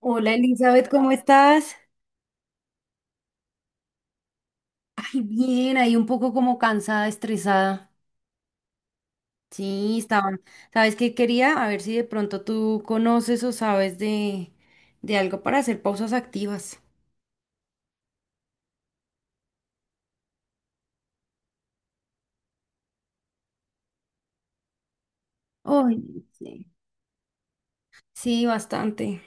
Hola Elizabeth, ¿cómo estás? Ay, bien, ahí un poco como cansada, estresada. Sí, estaban. ¿Sabes qué quería? A ver si de pronto tú conoces o sabes de algo para hacer pausas activas. Ay, sí. Sí, bastante.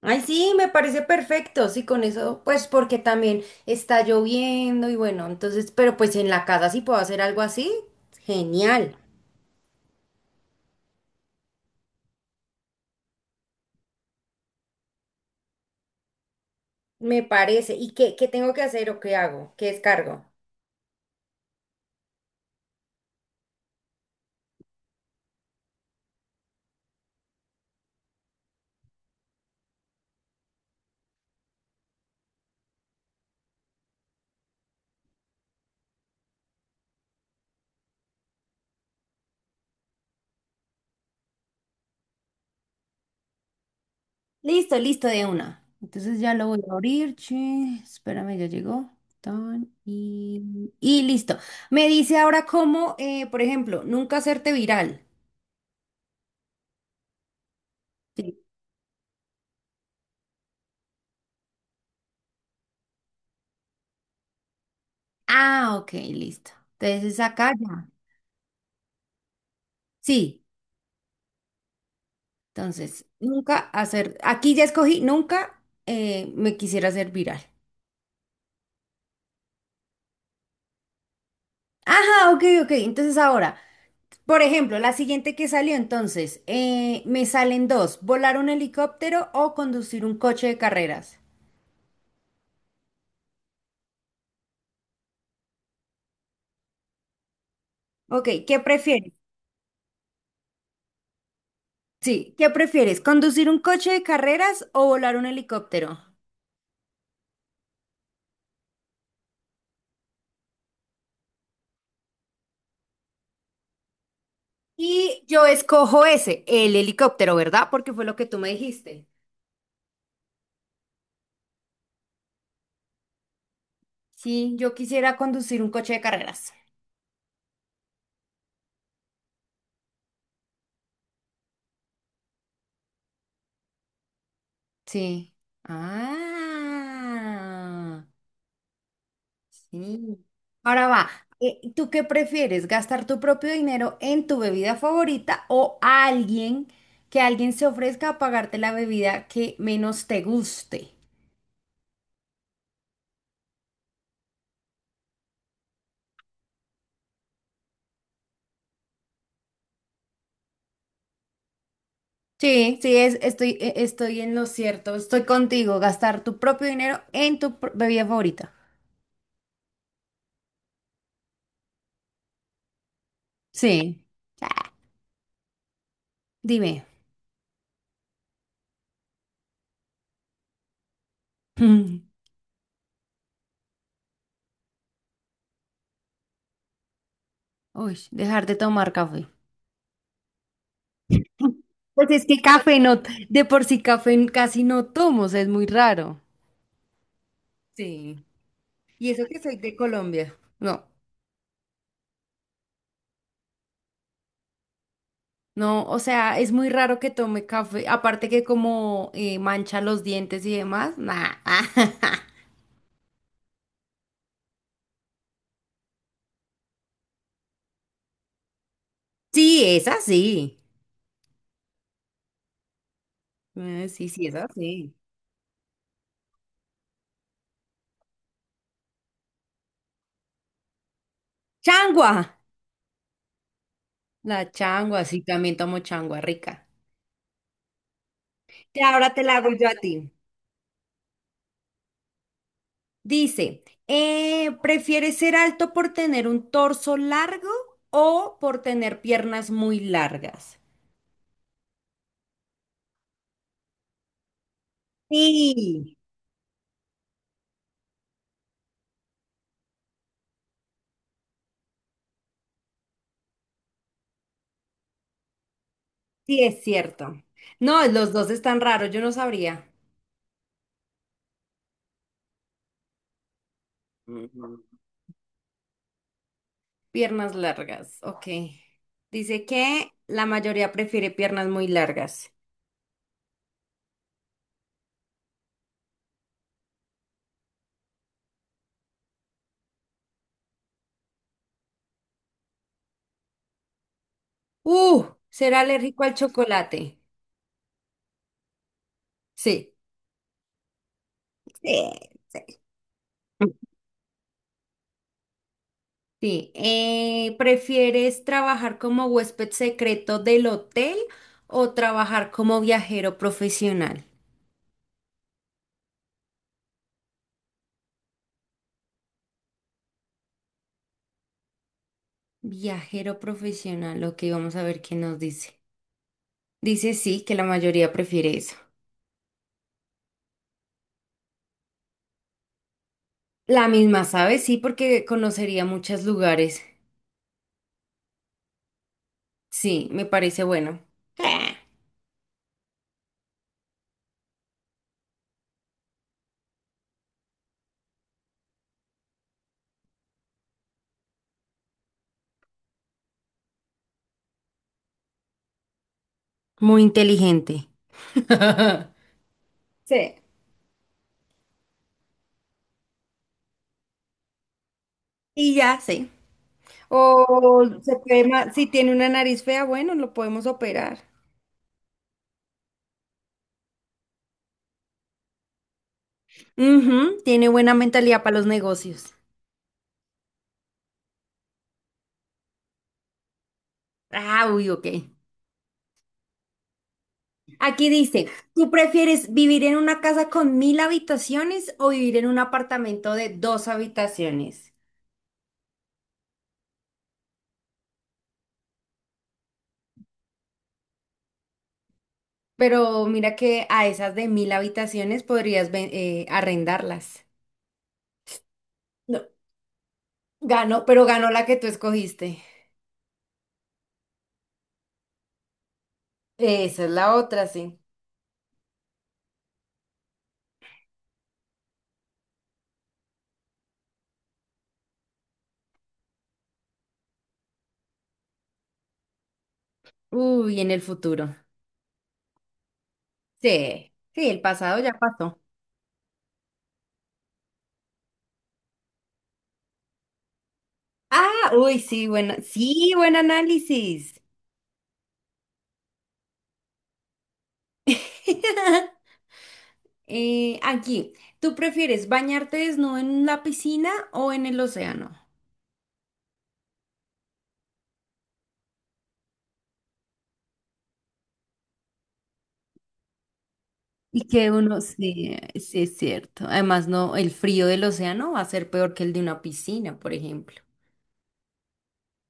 Ay, sí, me parece perfecto. Sí, con eso, pues porque también está lloviendo y bueno, entonces, pero pues en la casa sí puedo hacer algo así. Genial, me parece. ¿Y qué tengo que hacer o qué hago? ¿Qué descargo? Listo, listo de una. Entonces ya lo voy a abrir, che. Espérame, ya llegó. Tan, y listo. Me dice ahora cómo, por ejemplo, nunca hacerte viral. Sí. Ah, ok, listo. Entonces es acá ya. Sí, entonces, nunca hacer, aquí ya escogí, nunca me quisiera hacer viral. Ajá, ok, ok. Entonces ahora, por ejemplo, la siguiente que salió entonces, me salen dos, volar un helicóptero o conducir un coche de carreras. Ok, ¿qué prefieres? Sí, ¿qué prefieres? ¿Conducir un coche de carreras o volar un helicóptero? Y yo escojo ese, el helicóptero, ¿verdad? Porque fue lo que tú me dijiste. Sí, yo quisiera conducir un coche de carreras. Sí. Ah, sí. Ahora va, ¿tú qué prefieres? ¿Gastar tu propio dinero en tu bebida favorita o alguien se ofrezca a pagarte la bebida que menos te guste? Sí, sí, estoy en lo cierto. Estoy contigo. Gastar tu propio dinero en tu bebida favorita. Sí. Dime. Mm, Uy, dejar de tomar café. Pues es que café no, de por sí café casi no tomo, o sea, es muy raro. Sí. Y eso que soy de Colombia. No, no, o sea, es muy raro que tome café. Aparte que como mancha los dientes y demás. Nah. Sí, es así. Sí, sí, es así. ¡Changua! La changua, sí, también tomo changua rica. Y ahora te la hago yo a ti. Dice, ¿prefieres ser alto por tener un torso largo o por tener piernas muy largas? Sí, sí es cierto. No, los dos están raros, yo no sabría. Ujú. Piernas largas, ok. Dice que la mayoría prefiere piernas muy largas. ¿Será alérgico al chocolate? Sí. Sí. Sí. Sí, ¿prefieres trabajar como huésped secreto del hotel o trabajar como viajero profesional? Viajero profesional, ok, vamos a ver qué nos dice. Dice sí, que la mayoría prefiere eso. La misma, ¿sabes? Sí, porque conocería muchos lugares. Sí, me parece bueno. Muy inteligente. Sí. Y ya, sí. O se puede si tiene una nariz fea, bueno, lo podemos operar. Ujú, tiene buena mentalidad para los negocios. Ah, uy, ok. Aquí dice, ¿tú prefieres vivir en una casa con 1.000 habitaciones o vivir en un apartamento de dos habitaciones? Pero mira que a esas de 1.000 habitaciones podrías arrendarlas. No, ganó, pero ganó la que tú escogiste. Esa es la otra, sí. Uy, en el futuro. Sí, sí, el pasado ya pasó. Ah, uy, sí, bueno, sí, buen análisis. Aquí, ¿tú prefieres bañarte desnudo en la piscina o en el océano? Y que uno, sí, sí es cierto. Además, no, el frío del océano va a ser peor que el de una piscina, por ejemplo.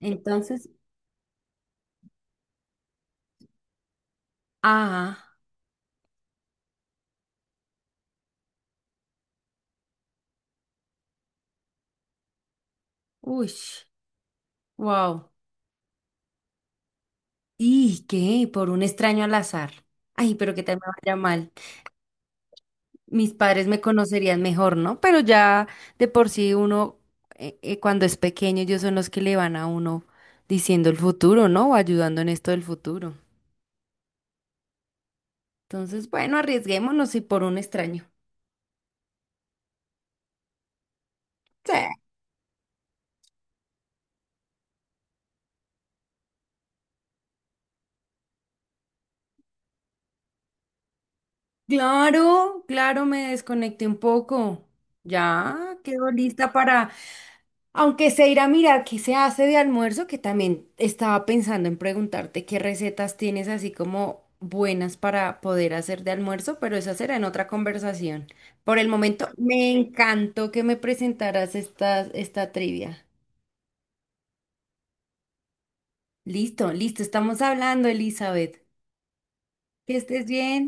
Entonces, ah, uy, wow. ¿Y qué? Por un extraño al azar. Ay, pero que tal me vaya mal. Mis padres me conocerían mejor, ¿no? Pero ya de por sí uno, cuando es pequeño, ellos son los que le van a uno diciendo el futuro, ¿no? O ayudando en esto del futuro. Entonces, bueno, arriesguémonos y por un extraño. Sí. Claro, claro, me desconecté un poco. Ya quedo lista para, aunque sea ir a mirar qué se hace de almuerzo, que también estaba pensando en preguntarte qué recetas tienes así como buenas para poder hacer de almuerzo, pero esa será en otra conversación. Por el momento, me encantó que me presentaras esta trivia. Listo, listo, estamos hablando, Elizabeth. Que estés bien.